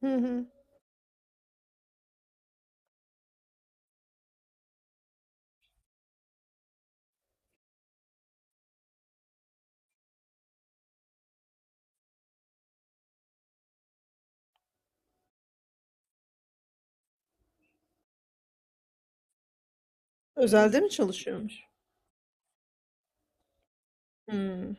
Hı hı. Özelde mi çalışıyormuş? Hımm.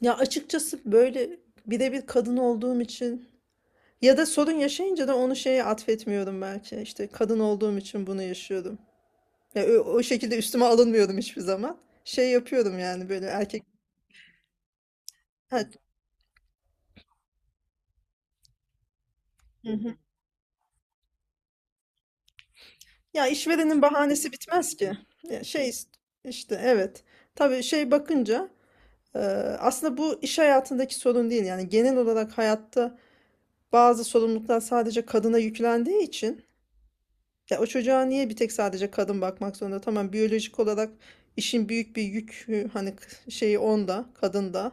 Ya, açıkçası, böyle, bir de bir kadın olduğum için ya da sorun yaşayınca da onu şeye atfetmiyorum belki. İşte, kadın olduğum için bunu yaşıyordum. Ya, o şekilde üstüme alınmıyordum hiçbir zaman. Şey yapıyorum, yani, böyle, erkek. Ha. Hı hı. Ya, işverenin bahanesi bitmez ki. Ya, şey ist işte, evet. Tabii, şey bakınca, eee, aslında bu iş hayatındaki sorun değil, yani, genel olarak hayatta bazı sorumluluklar sadece kadına yüklendiği için. Ya o çocuğa niye bir tek sadece kadın bakmak zorunda? Tamam, biyolojik olarak işin büyük bir yükü hani şeyi onda, kadında.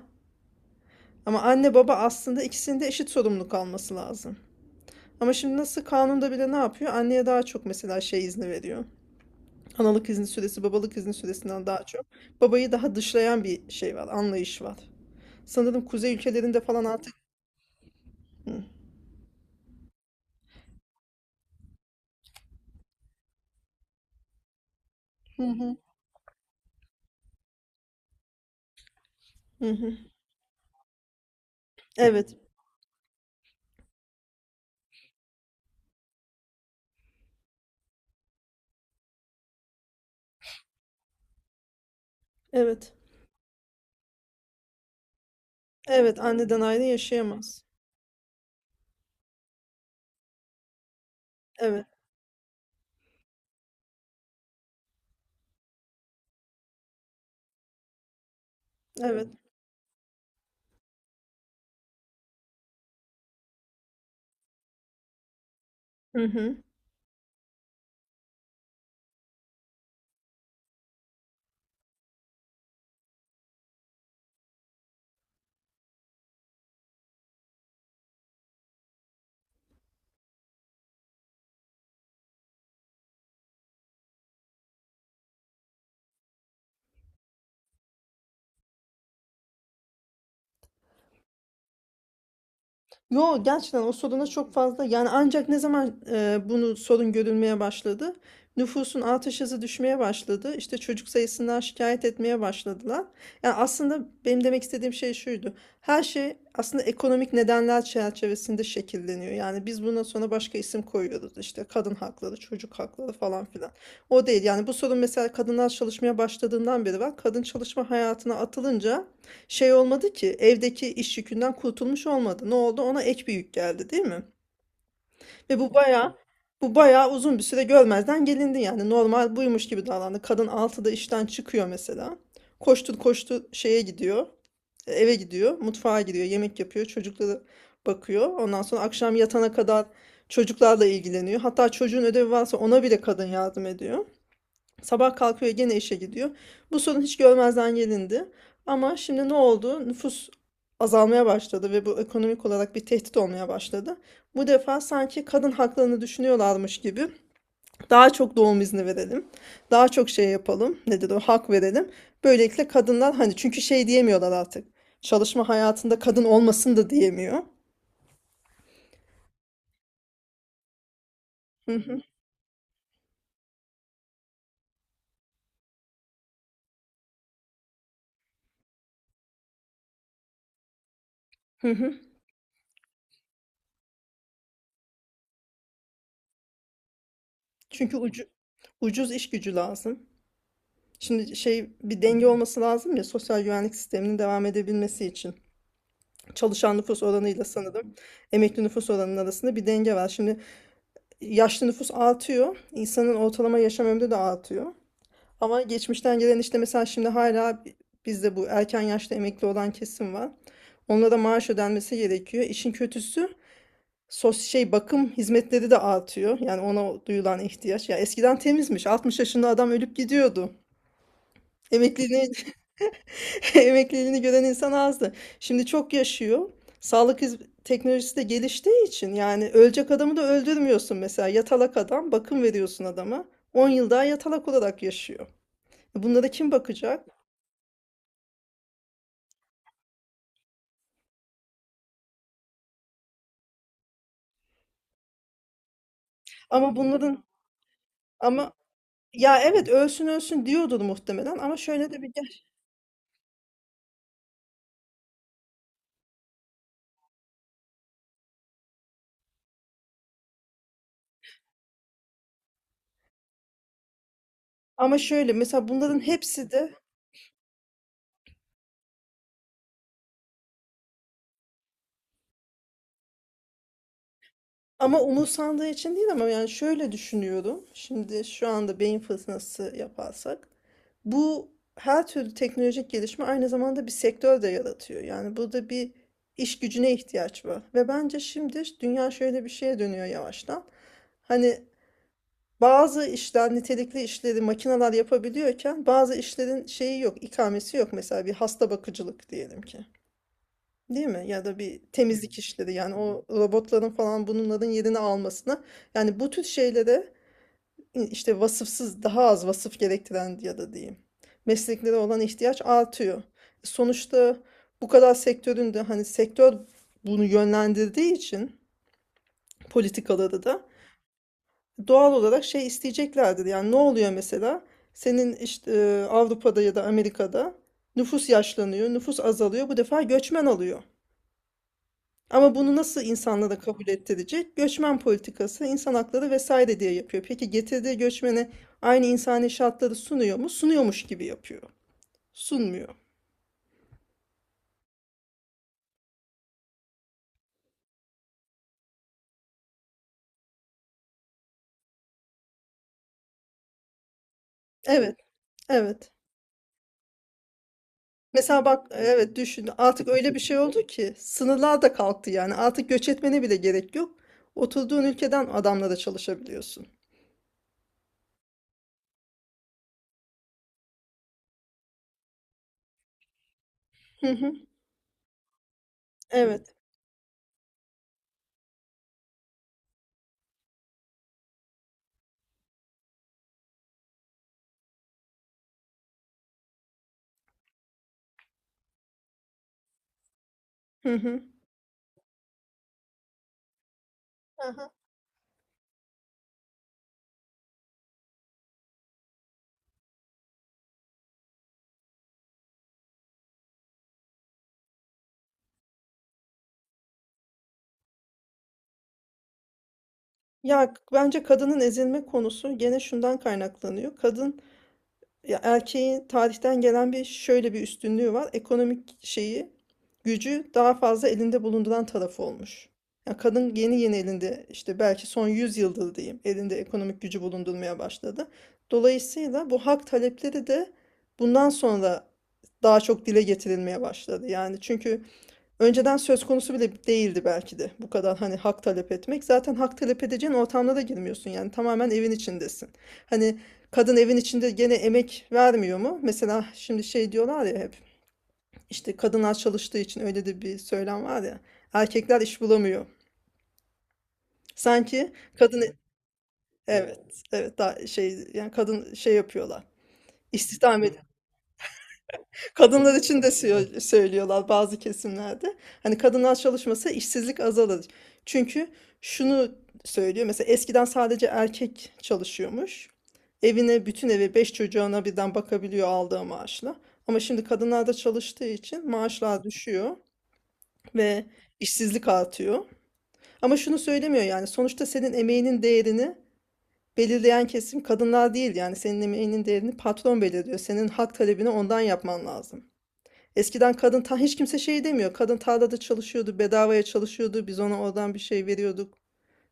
Ama anne baba aslında ikisinin de eşit sorumluluk alması lazım. Ama şimdi nasıl kanunda bile ne yapıyor? Anneye daha çok mesela şey izni veriyor. Analık izni süresi, babalık izni süresinden daha çok. Babayı daha dışlayan bir şey var, anlayış var. Sanırım kuzey ülkelerinde falan artık... Hı. Hı hı. Hı hı. Evet, evet. Evet, anneden ayrı yaşayamaz. Evet, evet. Hı hı. Yo, gerçekten o soruna çok fazla, yani ancak ne zaman bunu sorun görülmeye başladı? Nüfusun artış hızı düşmeye başladı. İşte çocuk sayısından şikayet etmeye başladılar. Yani aslında benim demek istediğim şey şuydu. Her şey aslında ekonomik nedenler çerçevesinde şekilleniyor. Yani biz bundan sonra başka isim koyuyoruz. İşte kadın hakları, çocuk hakları falan filan. O değil. Yani bu sorun mesela kadınlar çalışmaya başladığından beri var. Kadın çalışma hayatına atılınca şey olmadı ki, evdeki iş yükünden kurtulmuş olmadı. Ne oldu? Ona ek bir yük geldi, değil mi? Ve bu bayağı uzun bir süre görmezden gelindi, yani normal buymuş gibi davrandı. Kadın 6'da işten çıkıyor mesela. Koştur koştur şeye gidiyor. Eve gidiyor, mutfağa giriyor, yemek yapıyor, çocuklara bakıyor. Ondan sonra akşam yatana kadar çocuklarla ilgileniyor. Hatta çocuğun ödevi varsa ona bile kadın yardım ediyor. Sabah kalkıyor gene işe gidiyor. Bu sorun hiç görmezden gelindi. Ama şimdi ne oldu? Nüfus azalmaya başladı ve bu ekonomik olarak bir tehdit olmaya başladı. Bu defa sanki kadın haklarını düşünüyorlarmış gibi daha çok doğum izni verelim. Daha çok şey yapalım. Nedir o? Hak verelim. Böylelikle kadınlar hani çünkü şey diyemiyorlar artık. Çalışma hayatında kadın olmasın da diyemiyor. Hı hı, hı hı. Çünkü ucuz iş gücü lazım. Şimdi şey, bir denge olması lazım ya sosyal güvenlik sisteminin devam edebilmesi için. Çalışan nüfus oranıyla sanırım emekli nüfus oranının arasında bir denge var. Şimdi yaşlı nüfus artıyor. İnsanın ortalama yaşam ömrü de artıyor. Ama geçmişten gelen işte mesela şimdi hala bizde bu erken yaşta emekli olan kesim var. Onlara maaş ödenmesi gerekiyor. İşin kötüsü şey bakım hizmetleri de artıyor. Yani ona duyulan ihtiyaç. Ya eskiden temizmiş. 60 yaşında adam ölüp gidiyordu. Emekliliğine Emekliliğini gören insan azdı. Şimdi çok yaşıyor. Sağlık teknolojisi de geliştiği için yani ölecek adamı da öldürmüyorsun mesela. Yatalak adam, bakım veriyorsun adama. 10 yıl daha yatalak olarak yaşıyor. Bunlara kim bakacak? Ama bunların, ama ya evet ölsün ölsün diyordur muhtemelen, ama şöyle de bir, ama şöyle mesela bunların hepsi de. Ama umursandığı için değil, ama yani şöyle düşünüyorum. Şimdi şu anda beyin fırtınası yaparsak bu her türlü teknolojik gelişme aynı zamanda bir sektör de yaratıyor. Yani burada bir iş gücüne ihtiyaç var. Ve bence şimdi dünya şöyle bir şeye dönüyor yavaştan. Hani bazı işler, nitelikli işleri makineler yapabiliyorken bazı işlerin şeyi yok, ikamesi yok. Mesela bir hasta bakıcılık diyelim ki. Değil mi? Ya da bir temizlik işleri, yani o robotların falan bunların yerini almasına. Yani bu tür şeylere işte vasıfsız, daha az vasıf gerektiren ya da diyeyim mesleklere olan ihtiyaç artıyor. Sonuçta bu kadar sektörün de hani sektör bunu yönlendirdiği için politikaları da doğal olarak şey isteyeceklerdir. Yani ne oluyor mesela? Senin işte Avrupa'da ya da Amerika'da nüfus yaşlanıyor, nüfus azalıyor. Bu defa göçmen alıyor. Ama bunu nasıl insanlara da kabul ettirecek? Göçmen politikası, insan hakları vesaire diye yapıyor. Peki getirdiği göçmene aynı insani şartları sunuyor mu? Sunuyormuş gibi yapıyor. Sunmuyor. Evet, evet. Mesela bak, evet düşün. Artık öyle bir şey oldu ki sınırlar da kalktı yani. Artık göç etmene bile gerek yok. Oturduğun ülkeden adamla da çalışabiliyorsun. Hı hı. Evet. Hı hı. Aha. Ya bence kadının ezilme konusu gene şundan kaynaklanıyor. Kadın. Ya erkeğin tarihten gelen bir şöyle bir üstünlüğü var. Ekonomik şeyi, gücü daha fazla elinde bulunduran tarafı olmuş. Ya kadın yeni yeni elinde, işte belki son 100 yıldır diyeyim, elinde ekonomik gücü bulundurmaya başladı. Dolayısıyla bu hak talepleri de bundan sonra daha çok dile getirilmeye başladı. Yani çünkü önceden söz konusu bile değildi belki de bu kadar hani hak talep etmek. Zaten hak talep edeceğin ortamda da girmiyorsun, yani tamamen evin içindesin. Hani kadın evin içinde gene emek vermiyor mu? Mesela şimdi şey diyorlar ya hep, işte kadınlar çalıştığı için, öyle de bir söylem var ya, erkekler iş bulamıyor. Sanki kadın, evet evet, daha şey yani kadın şey yapıyorlar, istihdam. Kadınlar için de söylüyorlar bazı kesimlerde. Hani kadınlar çalışmasa işsizlik azalır. Çünkü şunu söylüyor. Mesela eskiden sadece erkek çalışıyormuş. Evine, bütün eve, beş çocuğuna birden bakabiliyor aldığı maaşla. Ama şimdi kadınlar da çalıştığı için maaşlar düşüyor ve işsizlik artıyor. Ama şunu söylemiyor, yani sonuçta senin emeğinin değerini belirleyen kesim kadınlar değil. Yani senin emeğinin değerini patron belirliyor. Senin hak talebini ondan yapman lazım. Eskiden kadın, ta hiç kimse şey demiyor. Kadın tarlada çalışıyordu, bedavaya çalışıyordu. Biz ona oradan bir şey veriyorduk,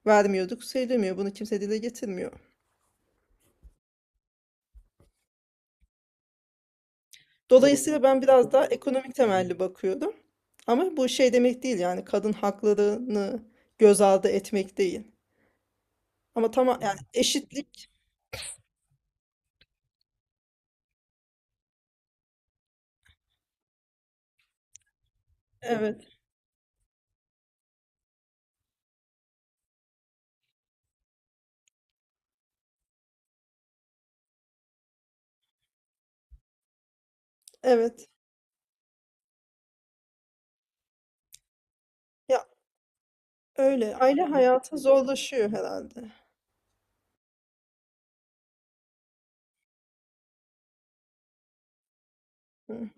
vermiyorduk. Söylemiyor. Bunu kimse dile getirmiyor. Dolayısıyla ben biraz daha ekonomik temelli bakıyorum. Ama bu şey demek değil, yani kadın haklarını göz ardı etmek değil. Ama tamam yani eşitlik, evet, evet. Ya öyle aile hayatı zorlaşıyor herhalde. Hı.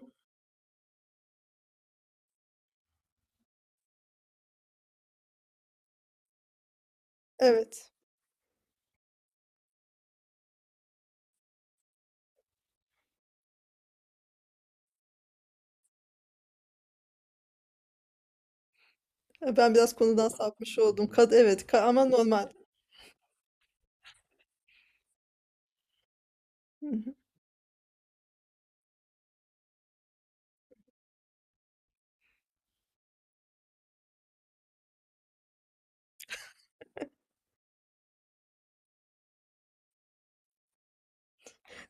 Evet. Ben biraz konudan sapmış oldum. Evet, ama normal.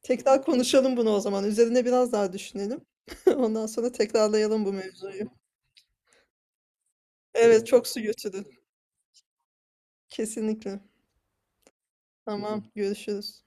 Tekrar konuşalım bunu o zaman. Üzerine biraz daha düşünelim. Ondan sonra tekrarlayalım bu mevzuyu. Evet, çok su götürdün. Kesinlikle. Tamam, görüşürüz.